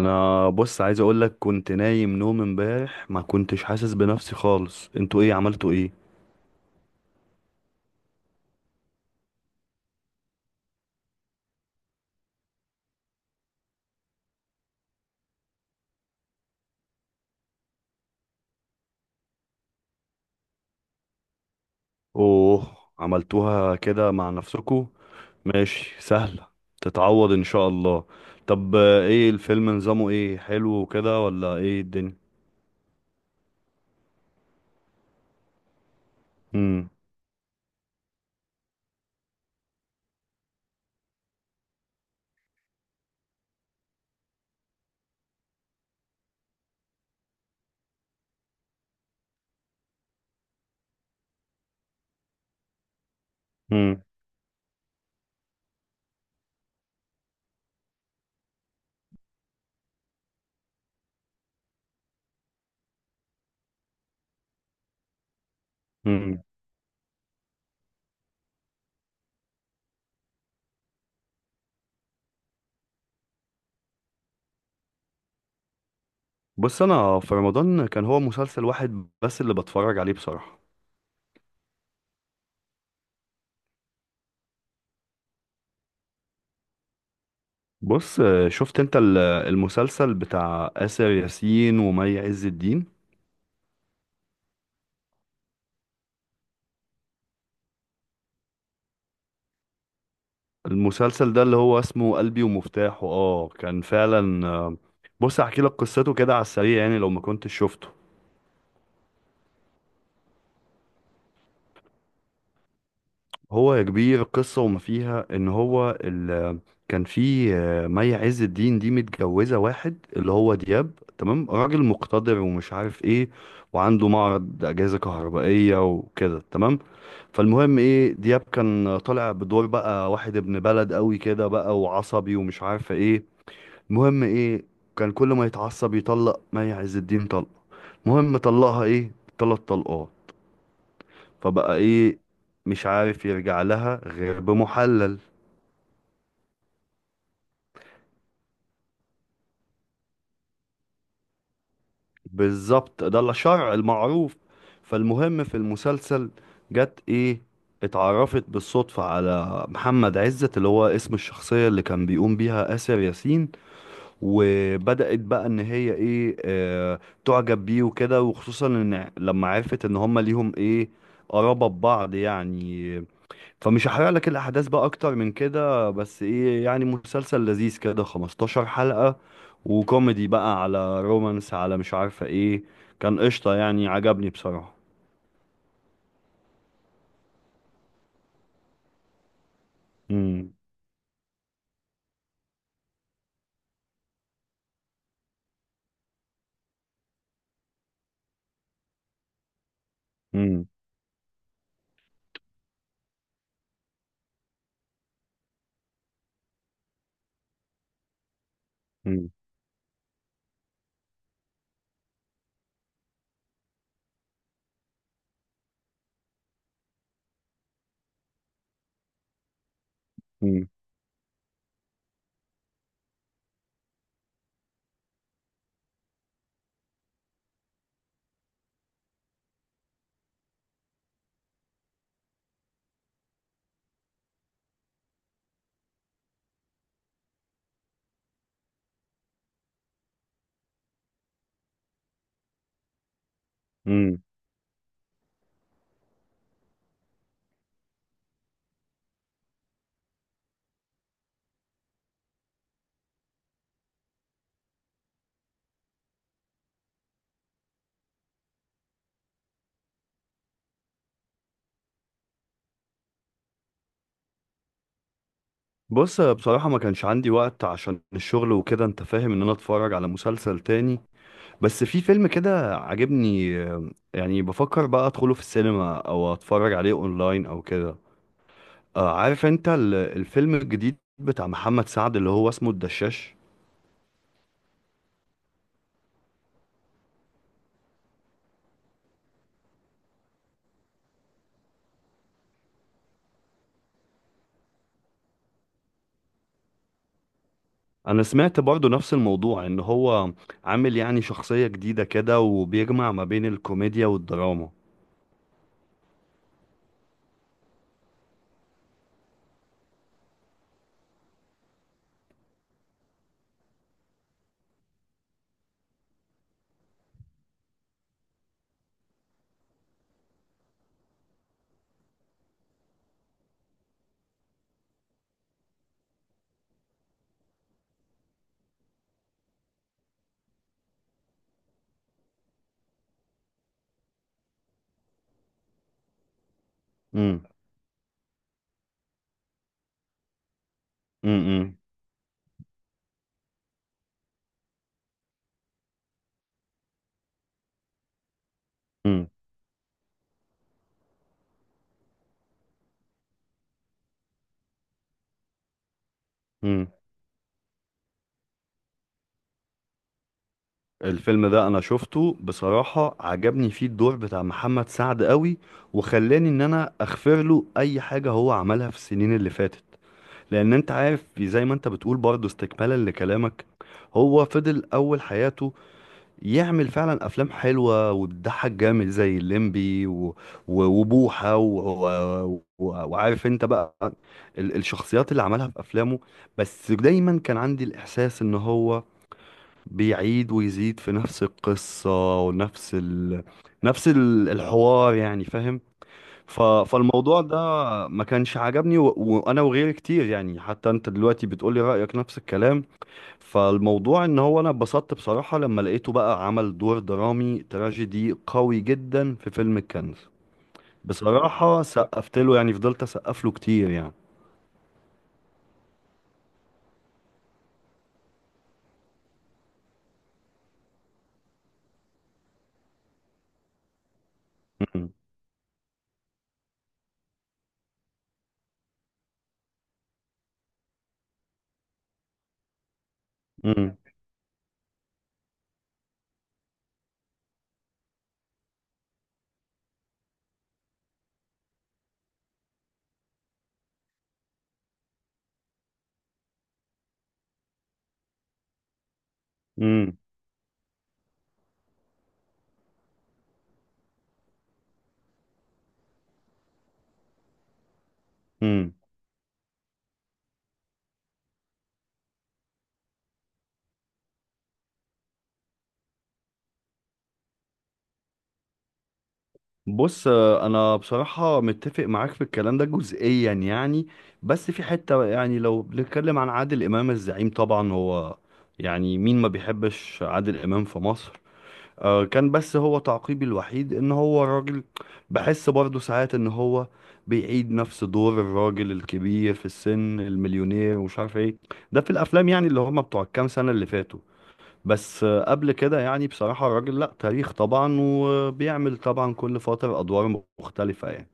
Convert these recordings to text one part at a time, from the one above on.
انا بص عايز اقول لك كنت نايم نوم امبارح ما كنتش حاسس بنفسي خالص. انتوا ايه؟ عملتوا ايه؟ اوه، عملتوها كده مع نفسكوا. ماشي سهلة، تتعوض ان شاء الله. طب ايه الفيلم؟ نظامه ايه؟ حلو وكده ولا ايه الدنيا؟ امم امم امم بص، انا في رمضان كان هو مسلسل واحد بس اللي بتفرج عليه بصراحة. بص شفت انت المسلسل بتاع آسر ياسين ومي عز الدين؟ المسلسل ده اللي هو اسمه قلبي ومفتاحه، اه كان فعلا. بص احكي لك قصته كده على السريع يعني لو ما كنتش شفته. هو يا كبير القصة وما فيها ان هو كان في مي عز الدين دي متجوزة واحد اللي هو دياب، تمام؟ راجل مقتدر ومش عارف ايه، وعنده معرض اجهزة كهربائية وكده، تمام؟ فالمهم ايه، دياب كان طالع بدور بقى واحد ابن بلد قوي كده بقى، وعصبي ومش عارف ايه. المهم ايه، كان كل ما يتعصب يطلق مي عز الدين طلقة. المهم طلقها ايه، تلات طلقات. فبقى ايه، مش عارف يرجع لها غير بمحلل. بالظبط ده الشرع المعروف. فالمهم في المسلسل، جت ايه، اتعرفت بالصدفة على محمد عزت اللي هو اسم الشخصية اللي كان بيقوم بيها آسر ياسين. وبدأت بقى ان هي ايه، آه، تعجب بيه وكده، وخصوصا ان لما عرفت ان هما ليهم ايه، قرابة ببعض يعني. فمش هحرق لك الاحداث بقى اكتر من كده، بس ايه يعني مسلسل لذيذ كده، 15 حلقة، وكوميدي بقى على رومانس على مش عارفة ايه. كان قشطة يعني، عجبني بصراحة. مم. مم. مم. مم. مم. بص، بصراحة ما كانش عندي وقت عشان الشغل وكده، انت فاهم ان انا اتفرج على مسلسل تاني. بس في فيلم كده عاجبني، يعني بفكر بقى ادخله في السينما او اتفرج عليه اونلاين او كده. عارف انت الفيلم الجديد بتاع محمد سعد اللي هو اسمه الدشاش؟ انا سمعت برضو نفس الموضوع، ان هو عامل يعني شخصية جديدة كده وبيجمع ما بين الكوميديا والدراما. امم امم امم الفيلم ده انا شفته بصراحة، عجبني فيه الدور بتاع محمد سعد قوي. وخلاني ان انا اغفر له اي حاجة هو عملها في السنين اللي فاتت. لان انت عارف زي ما انت بتقول برضه استكمالا لكلامك، هو فضل اول حياته يعمل فعلا افلام حلوه وتضحك جامد زي الليمبي وبوحه وعارف انت بقى الشخصيات اللي عملها في افلامه. بس دايما كان عندي الاحساس ان هو بيعيد ويزيد في نفس القصه ونفس ال- الحوار يعني، فاهم؟ فالموضوع ده ما كانش عجبني، وانا وغيري كتير يعني، حتى انت دلوقتي بتقولي رأيك نفس الكلام. فالموضوع ان هو انا اتبسطت بصراحة لما لقيته بقى عمل دور درامي تراجيدي قوي جدا في فيلم الكنز. بصراحة سقفت له يعني، فضلت اسقف له كتير يعني. امم امم امم بص انا بصراحة متفق معاك في الكلام ده جزئيا يعني. بس في حتة، يعني لو بنتكلم عن عادل امام الزعيم، طبعا هو يعني مين ما بيحبش عادل امام في مصر؟ كان بس هو تعقيبي الوحيد ان هو راجل، بحس برضه ساعات ان هو بيعيد نفس دور الراجل الكبير في السن المليونير ومش عارف ايه. ده في الافلام يعني اللي هما بتوع الكام سنة اللي فاتوا. بس قبل كده يعني بصراحة الراجل لأ، تاريخ طبعا، وبيعمل طبعا كل فترة أدوار مختلفة يعني.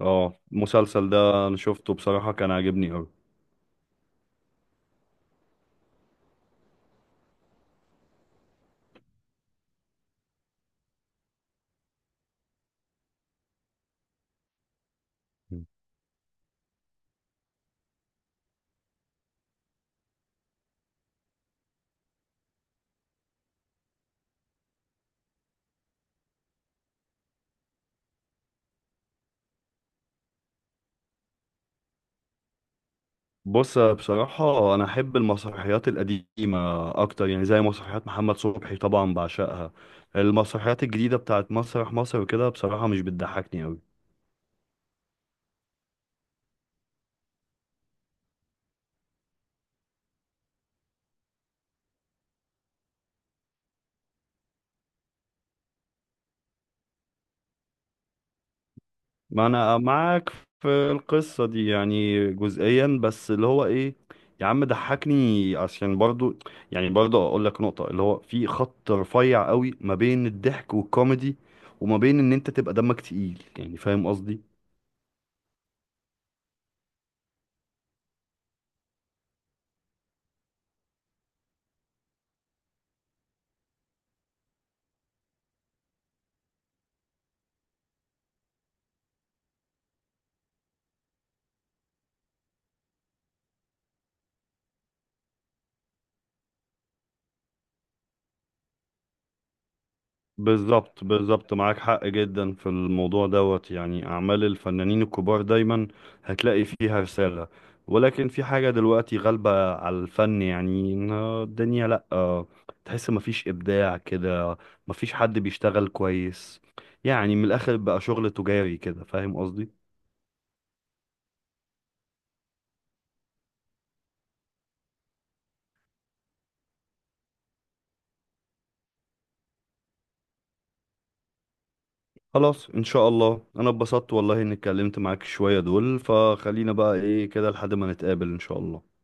اه، المسلسل ده أنا شفته بصراحة، كان عاجبني أوي. مم. بص بصراحة أنا أحب المسرحيات القديمة أكتر، يعني زي مسرحيات محمد صبحي طبعا بعشقها. المسرحيات الجديدة بتاعت مسرح مصر وكده بصراحة مش بتضحكني أوي. ما انا معاك في القصة دي يعني جزئيا، بس اللي هو ايه، يا عم ضحكني عشان برضو، يعني برضو اقول لك نقطة، اللي هو في خط رفيع قوي ما بين الضحك والكوميدي، وما بين ان انت تبقى دمك تقيل، يعني فاهم قصدي؟ بالظبط، بالظبط، معاك حق جدا في الموضوع دوت، يعني أعمال الفنانين الكبار دايما هتلاقي فيها رسالة. ولكن في حاجة دلوقتي غالبة على الفن يعني، إن الدنيا لأ، تحس مفيش إبداع كده، مفيش حد بيشتغل كويس. يعني من الآخر بقى شغل تجاري كده، فاهم قصدي؟ خلاص إن شاء الله، أنا اتبسطت والله إني اتكلمت معاك شوية دول، فخلينا بقى إيه كده لحد ما نتقابل إن شاء الله.